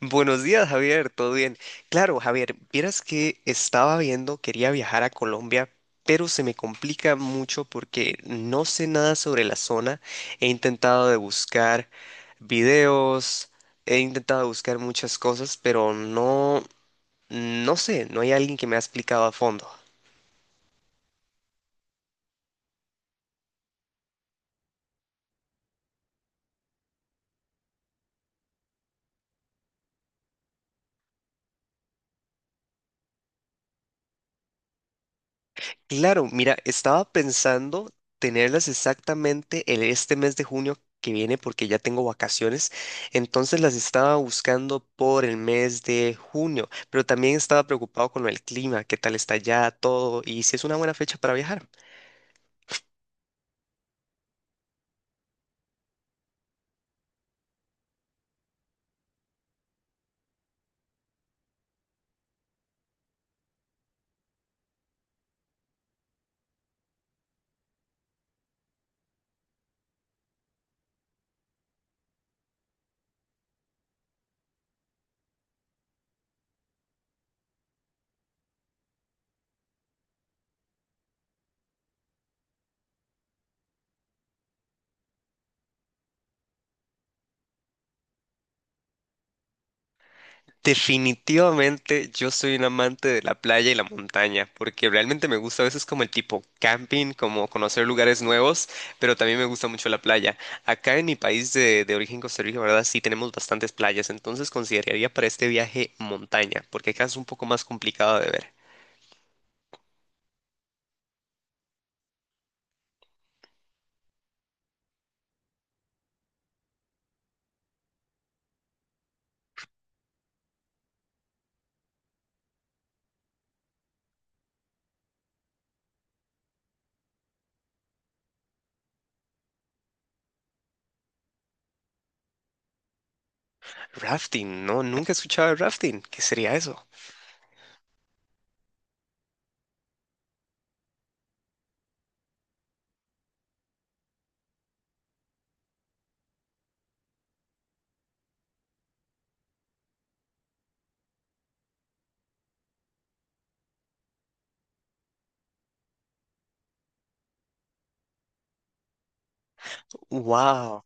Buenos días, Javier, ¿todo bien? Claro, Javier, vieras que estaba viendo, quería viajar a Colombia, pero se me complica mucho porque no sé nada sobre la zona. He intentado de buscar videos, he intentado buscar muchas cosas, pero no, no sé, no hay alguien que me ha explicado a fondo. Claro, mira, estaba pensando tenerlas exactamente este mes de junio que viene porque ya tengo vacaciones, entonces las estaba buscando por el mes de junio, pero también estaba preocupado con el clima, qué tal está ya todo y si es una buena fecha para viajar. Definitivamente yo soy un amante de la playa y la montaña, porque realmente me gusta a veces como el tipo camping, como conocer lugares nuevos, pero también me gusta mucho la playa. Acá en mi país de origen Costa Rica, ¿verdad? Sí tenemos bastantes playas, entonces consideraría para este viaje montaña, porque acá es un poco más complicado de ver. Rafting, no, nunca he escuchado de rafting. ¿Qué sería eso? Wow.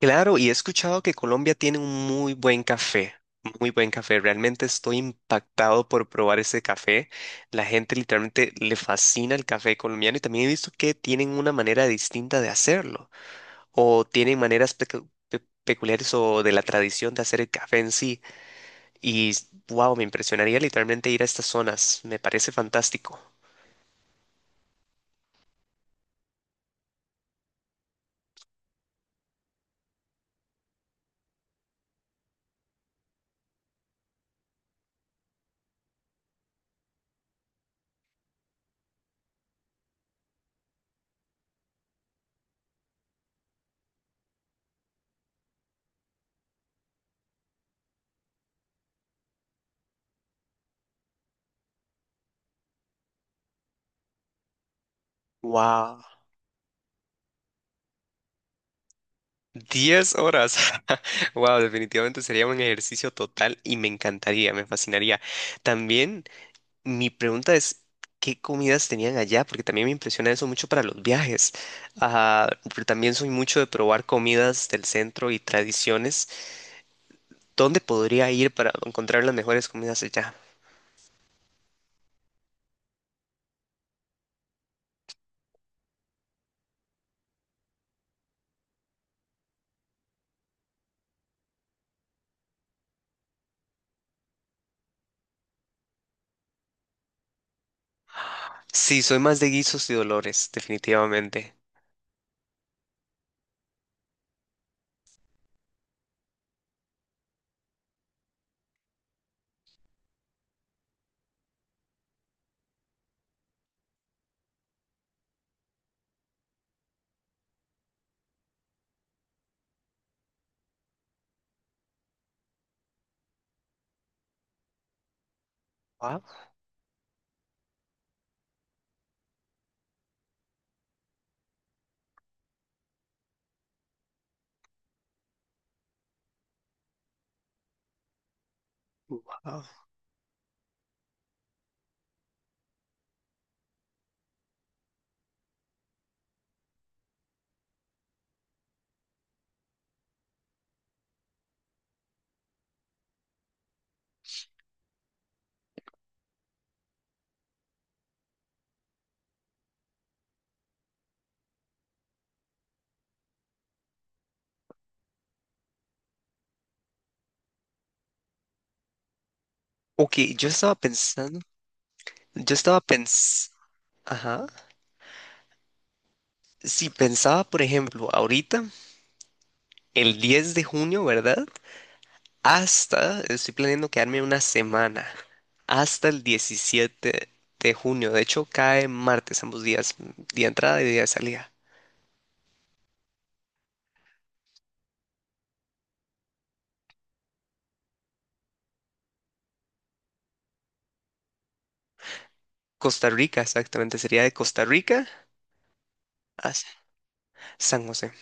Claro, y he escuchado que Colombia tiene un muy buen café, muy buen café. Realmente estoy impactado por probar ese café. La gente literalmente le fascina el café colombiano y también he visto que tienen una manera distinta de hacerlo o tienen maneras peculiares o de la tradición de hacer el café en sí. Y wow, me impresionaría literalmente ir a estas zonas. Me parece fantástico. Wow. 10 horas. Wow, definitivamente sería un ejercicio total y me encantaría, me fascinaría. También mi pregunta es, ¿qué comidas tenían allá? Porque también me impresiona eso mucho para los viajes. Ah, pero también soy mucho de probar comidas del centro y tradiciones. ¿Dónde podría ir para encontrar las mejores comidas allá? Sí, soy más de guisos y dolores, definitivamente. Wow, wow. Ok, yo estaba pensando, ajá. Si pensaba, por ejemplo, ahorita, el 10 de junio, ¿verdad? Hasta, estoy planeando quedarme una semana, hasta el 17 de junio. De hecho, cae martes ambos días, día de entrada y día de salida. Costa Rica, exactamente, sería de Costa Rica a San José.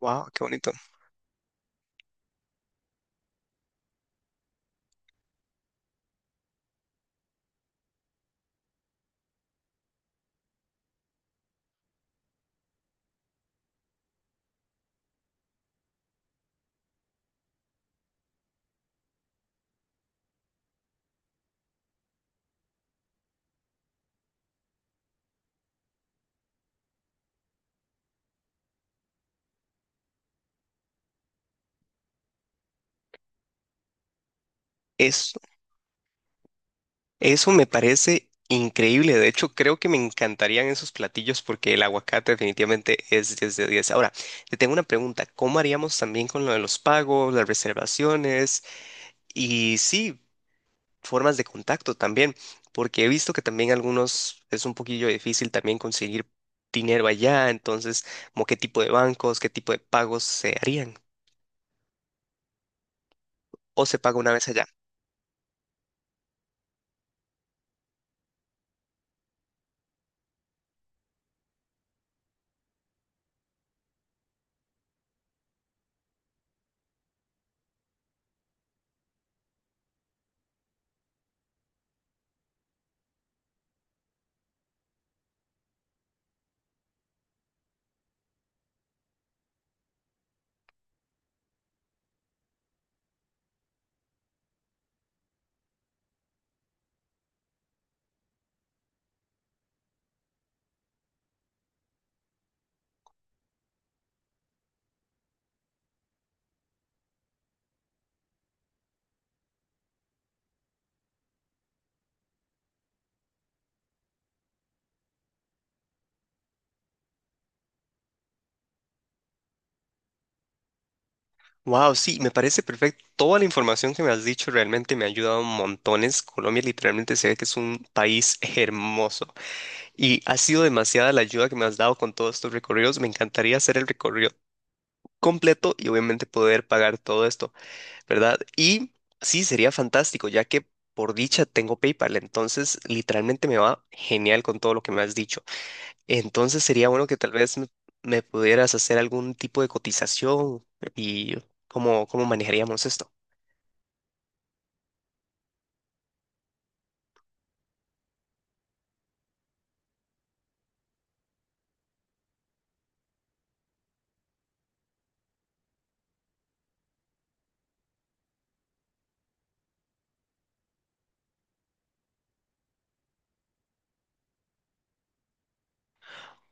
Wow, qué bonito. Es Eso me parece increíble. De hecho, creo que me encantarían esos platillos porque el aguacate definitivamente es 10 de 10. Ahora, te tengo una pregunta. ¿Cómo haríamos también con lo de los pagos, las reservaciones y sí, formas de contacto también? Porque he visto que también algunos es un poquillo difícil también conseguir dinero allá. Entonces, como qué tipo de bancos, qué tipo de pagos se harían o se paga una vez allá. Wow, sí, me parece perfecto. Toda la información que me has dicho realmente me ha ayudado montones. Colombia literalmente se ve que es un país hermoso y ha sido demasiada la ayuda que me has dado con todos estos recorridos. Me encantaría hacer el recorrido completo y obviamente poder pagar todo esto, ¿verdad? Y sí, sería fantástico, ya que por dicha tengo PayPal, entonces literalmente me va genial con todo lo que me has dicho. Entonces sería bueno que tal vez me pudieras hacer algún tipo de cotización y cómo manejaríamos esto.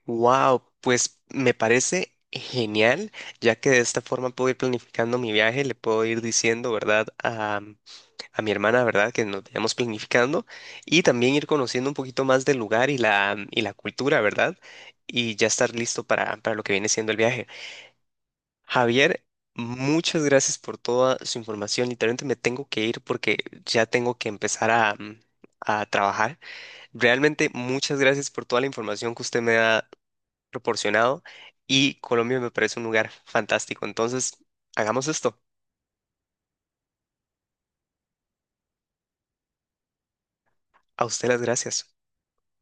Wow, pues me parece genial, ya que de esta forma puedo ir planificando mi viaje, le puedo ir diciendo, ¿verdad? A mi hermana, ¿verdad? Que nos vayamos planificando y también ir conociendo un poquito más del lugar y y la cultura, ¿verdad? Y ya estar listo para lo que viene siendo el viaje. Javier, muchas gracias por toda su información. Literalmente me tengo que ir porque ya tengo que empezar a trabajar. Realmente muchas gracias por toda la información que usted me ha proporcionado y Colombia me parece un lugar fantástico. Entonces, hagamos esto. A usted las gracias.